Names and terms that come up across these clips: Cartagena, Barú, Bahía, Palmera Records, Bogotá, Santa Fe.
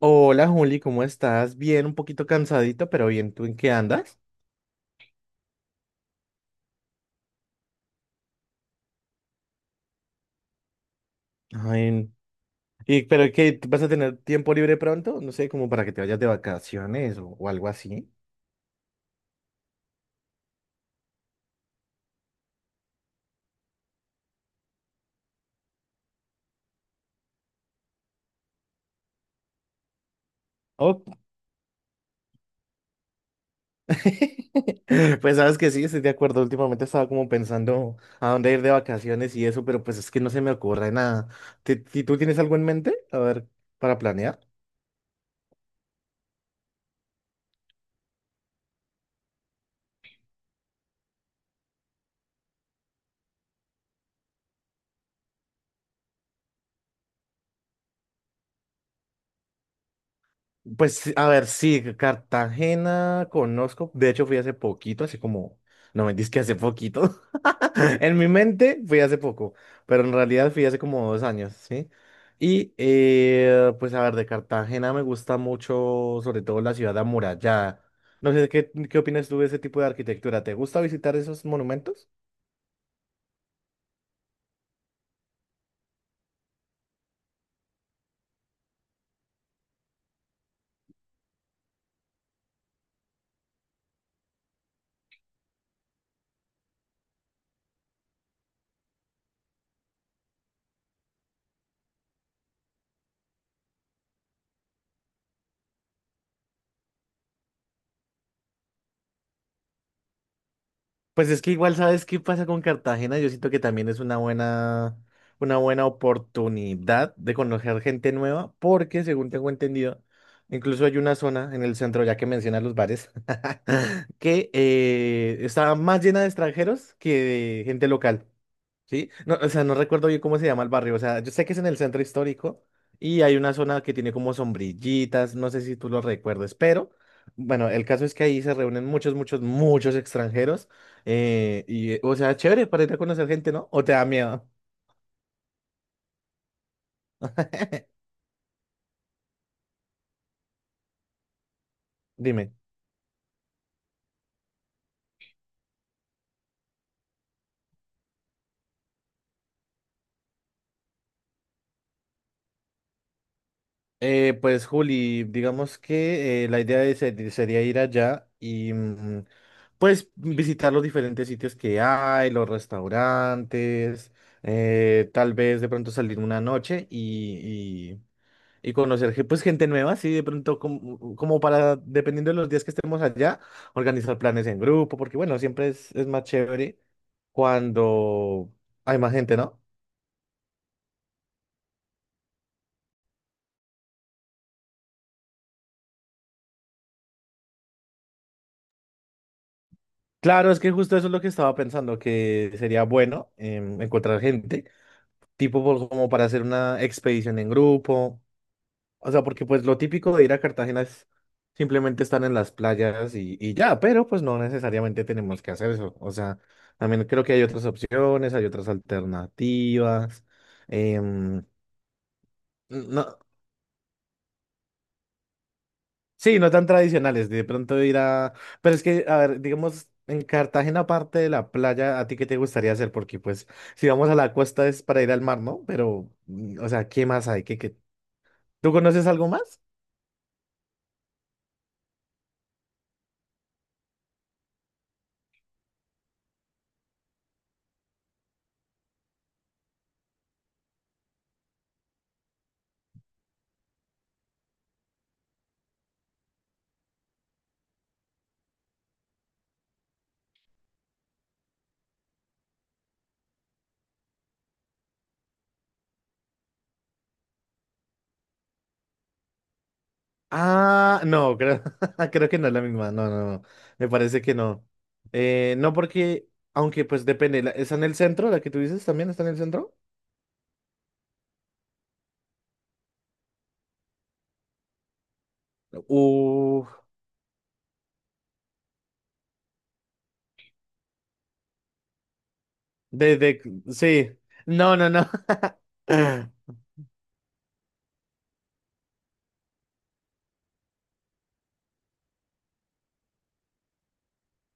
Hola Juli, ¿cómo estás? Bien, un poquito cansadito, pero bien, ¿tú en qué andas? Ay, ¿y pero qué? ¿Tú ¿Vas a tener tiempo libre pronto? No sé, como para que te vayas de vacaciones o algo así. Oh. Pues sabes que sí, estoy de acuerdo. Últimamente estaba como pensando a dónde ir de vacaciones y eso, pero pues es que no se me ocurre nada. ¿Tú tienes algo en mente? A ver, para planear. Pues sí, a ver, sí, Cartagena conozco. De hecho, fui hace poquito, así como, no me digas que hace poquito. En mi mente fui hace poco, pero en realidad fui hace como dos años, ¿sí? Y pues a ver, de Cartagena me gusta mucho, sobre todo la ciudad amurallada. No sé, ¿qué opinas tú de ese tipo de arquitectura? ¿Te gusta visitar esos monumentos? Pues es que igual sabes qué pasa con Cartagena. Yo siento que también es una buena oportunidad de conocer gente nueva, porque según tengo entendido, incluso hay una zona en el centro, ya que mencionas los bares, que está más llena de extranjeros que de gente local. Sí, no, o sea, no recuerdo bien cómo se llama el barrio, o sea, yo sé que es en el centro histórico y hay una zona que tiene como sombrillitas, no sé si tú lo recuerdes, pero bueno, el caso es que ahí se reúnen muchos, muchos, muchos extranjeros o sea, chévere para ir a conocer gente, ¿no? ¿O te da miedo? Dime. Pues Juli, digamos que la idea de sería ir allá y pues visitar los diferentes sitios que hay, los restaurantes, tal vez de pronto salir una noche y y conocer pues gente nueva, sí, de pronto como, como para, dependiendo de los días que estemos allá, organizar planes en grupo, porque bueno, siempre es más chévere cuando hay más gente, ¿no? Claro, es que justo eso es lo que estaba pensando, que sería bueno encontrar gente. Como para hacer una expedición en grupo. O sea, porque pues lo típico de ir a Cartagena es simplemente estar en las playas y ya, pero pues no necesariamente tenemos que hacer eso. O sea, también creo que hay otras opciones, hay otras alternativas. em, no, sí, no tan tradicionales, de pronto ir a... Pero es que, a ver, digamos, en Cartagena, aparte de la playa, ¿a ti qué te gustaría hacer? Porque pues si vamos a la costa es para ir al mar, ¿no? Pero, mm, o sea, ¿qué más hay? ¿Qué... tú conoces algo más? Ah, no, creo, creo que no es la misma. No, no, no. Me parece que no. No, porque, aunque pues depende. ¿Está en el centro? ¿La que tú dices también está en el centro? Uh, de, de, sí. No, no, no.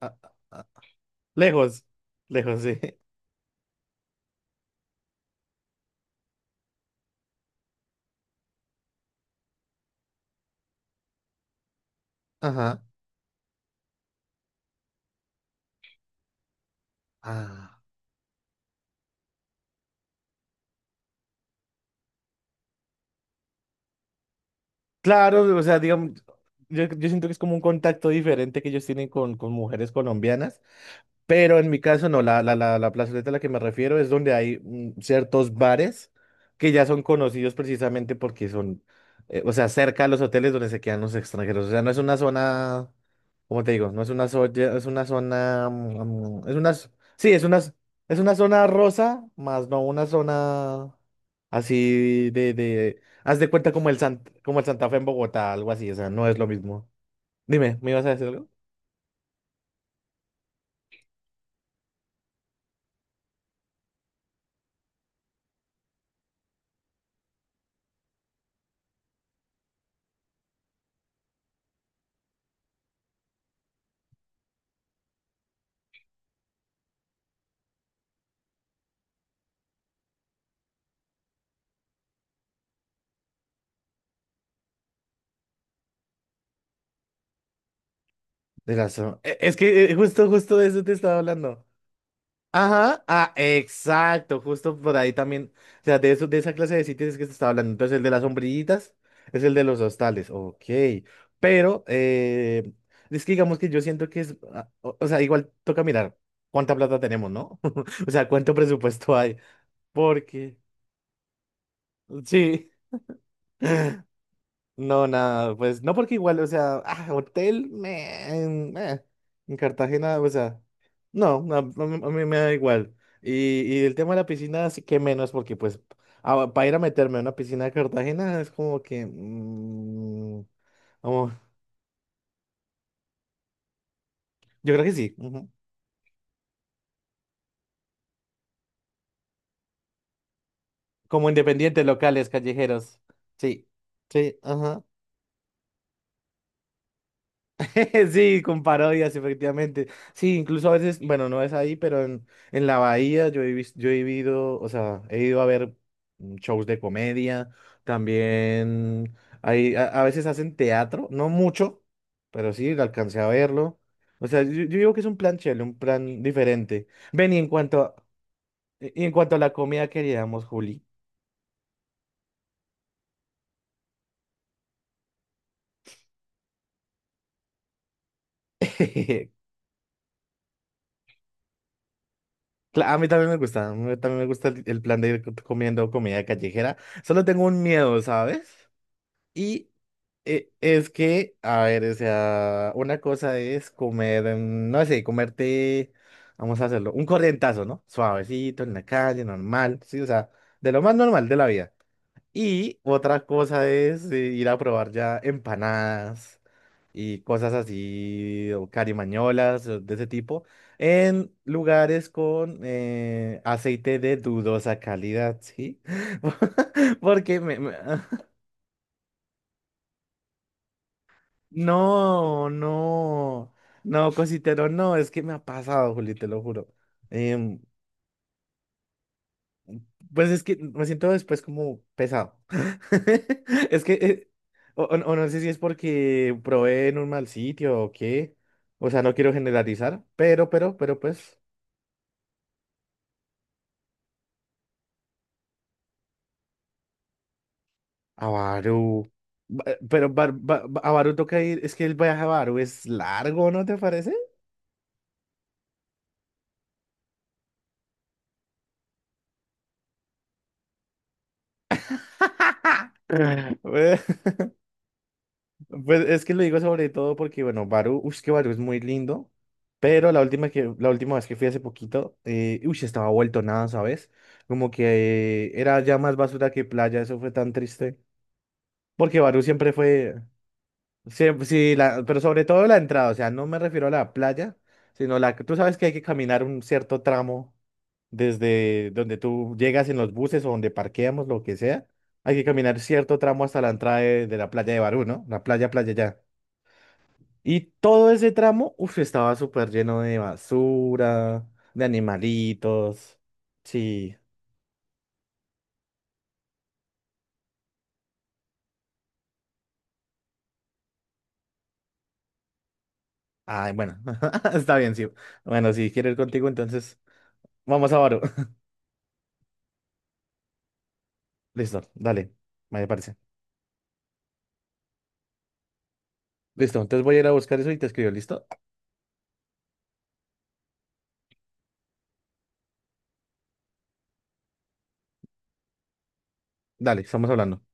Ah, ah, ah. Lejos. Lejos, sí. Ajá. Ah. Claro, o sea, digamos, yo siento que es como un contacto diferente que ellos tienen con mujeres colombianas, pero en mi caso no, la plazoleta a la que me refiero es donde hay ciertos bares que ya son conocidos precisamente porque son, o sea, cerca a los hoteles donde se quedan los extranjeros, o sea, no es una zona, ¿cómo te digo? No es una zona, es una zona, es una, sí, es una, es una zona rosa, más no una zona así. Haz de cuenta como el como el Santa Fe en Bogotá, algo así, o sea, no es lo mismo. Dime, ¿me ibas a decir algo? De la o- e- Es que justo, justo de eso te estaba hablando. Ajá, ah, exacto, justo por ahí también. O sea, de eso, de esa clase de sitios es que se estaba hablando. Entonces, el de las sombrillitas es el de los hostales, ok. Pero, es que digamos que yo siento que es, ah, o sea, igual toca mirar cuánta plata tenemos, ¿no? O sea, cuánto presupuesto hay. Porque, sí. No, nada, pues no porque igual, o sea, ah, hotel, meh, en Cartagena, o sea, no, no, a mí me da igual. Y el tema de la piscina sí que menos, porque pues ah, para ir a meterme a una piscina de Cartagena es como que, mm, como- yo creo que sí, ujú. Como independientes locales, callejeros, sí, sí, ajá. Sí, con parodias, efectivamente. Sí, incluso a veces, bueno, no es ahí, pero en la Bahía yo he, yo he vivido, o sea, he ido a ver shows de comedia, también hay, a veces hacen teatro, no mucho, pero sí, alcancé a verlo. O sea, yo digo que es un plan chévere, un plan diferente. Ven, y en cuanto a, y en cuanto a la comida que haríamos, Juli. cla- a mí también me gusta, a mí también me gusta el plan de ir comiendo comida callejera. Solo tengo un miedo, ¿sabes? Y es que, a ver, o sea, una cosa es comer, no sé, comerte, vamos a hacerlo, un corrientazo, ¿no? Suavecito, en la calle, normal, sí, o sea, de lo más normal de la vida. Y otra cosa es ir a probar ya empanadas y cosas así, o carimañolas, o de ese tipo, en lugares con aceite de dudosa calidad, ¿sí? Porque No, no, no, cositero, no, es que me ha pasado, Juli, te lo juro. Em, pues es que me siento después como pesado. Es que, o no sé si es porque probé en un mal sitio o qué, o sea, no quiero generalizar, pero, pero pues, a Barú, a Barú toca ir, es que el viaje a Barú es largo, ¿no te parece? Pues es que lo digo sobre todo porque, bueno, Barú, uff, es que Barú es muy lindo, pero la última vez que fui hace poquito, uff, estaba vuelto nada, ¿sabes? Como que era ya más basura que playa, eso fue tan triste. Porque Barú siempre fue, siempre, sí, pero sobre todo la entrada, o sea, no me refiero a la playa, sino la que tú sabes que hay que caminar un cierto tramo desde donde tú llegas en los buses o donde parqueamos, lo que sea, hay que caminar cierto tramo hasta la entrada de la playa de Barú, ¿no? La playa, playa ya. Y todo ese tramo, uff, estaba súper lleno de basura, de animalitos. Sí. Ay, bueno, está bien, sí. Bueno, si quiero ir contigo, entonces vamos a Baro. Listo, dale, me parece. Listo, entonces voy a ir a buscar eso y te escribo, ¿listo? Dale, estamos hablando.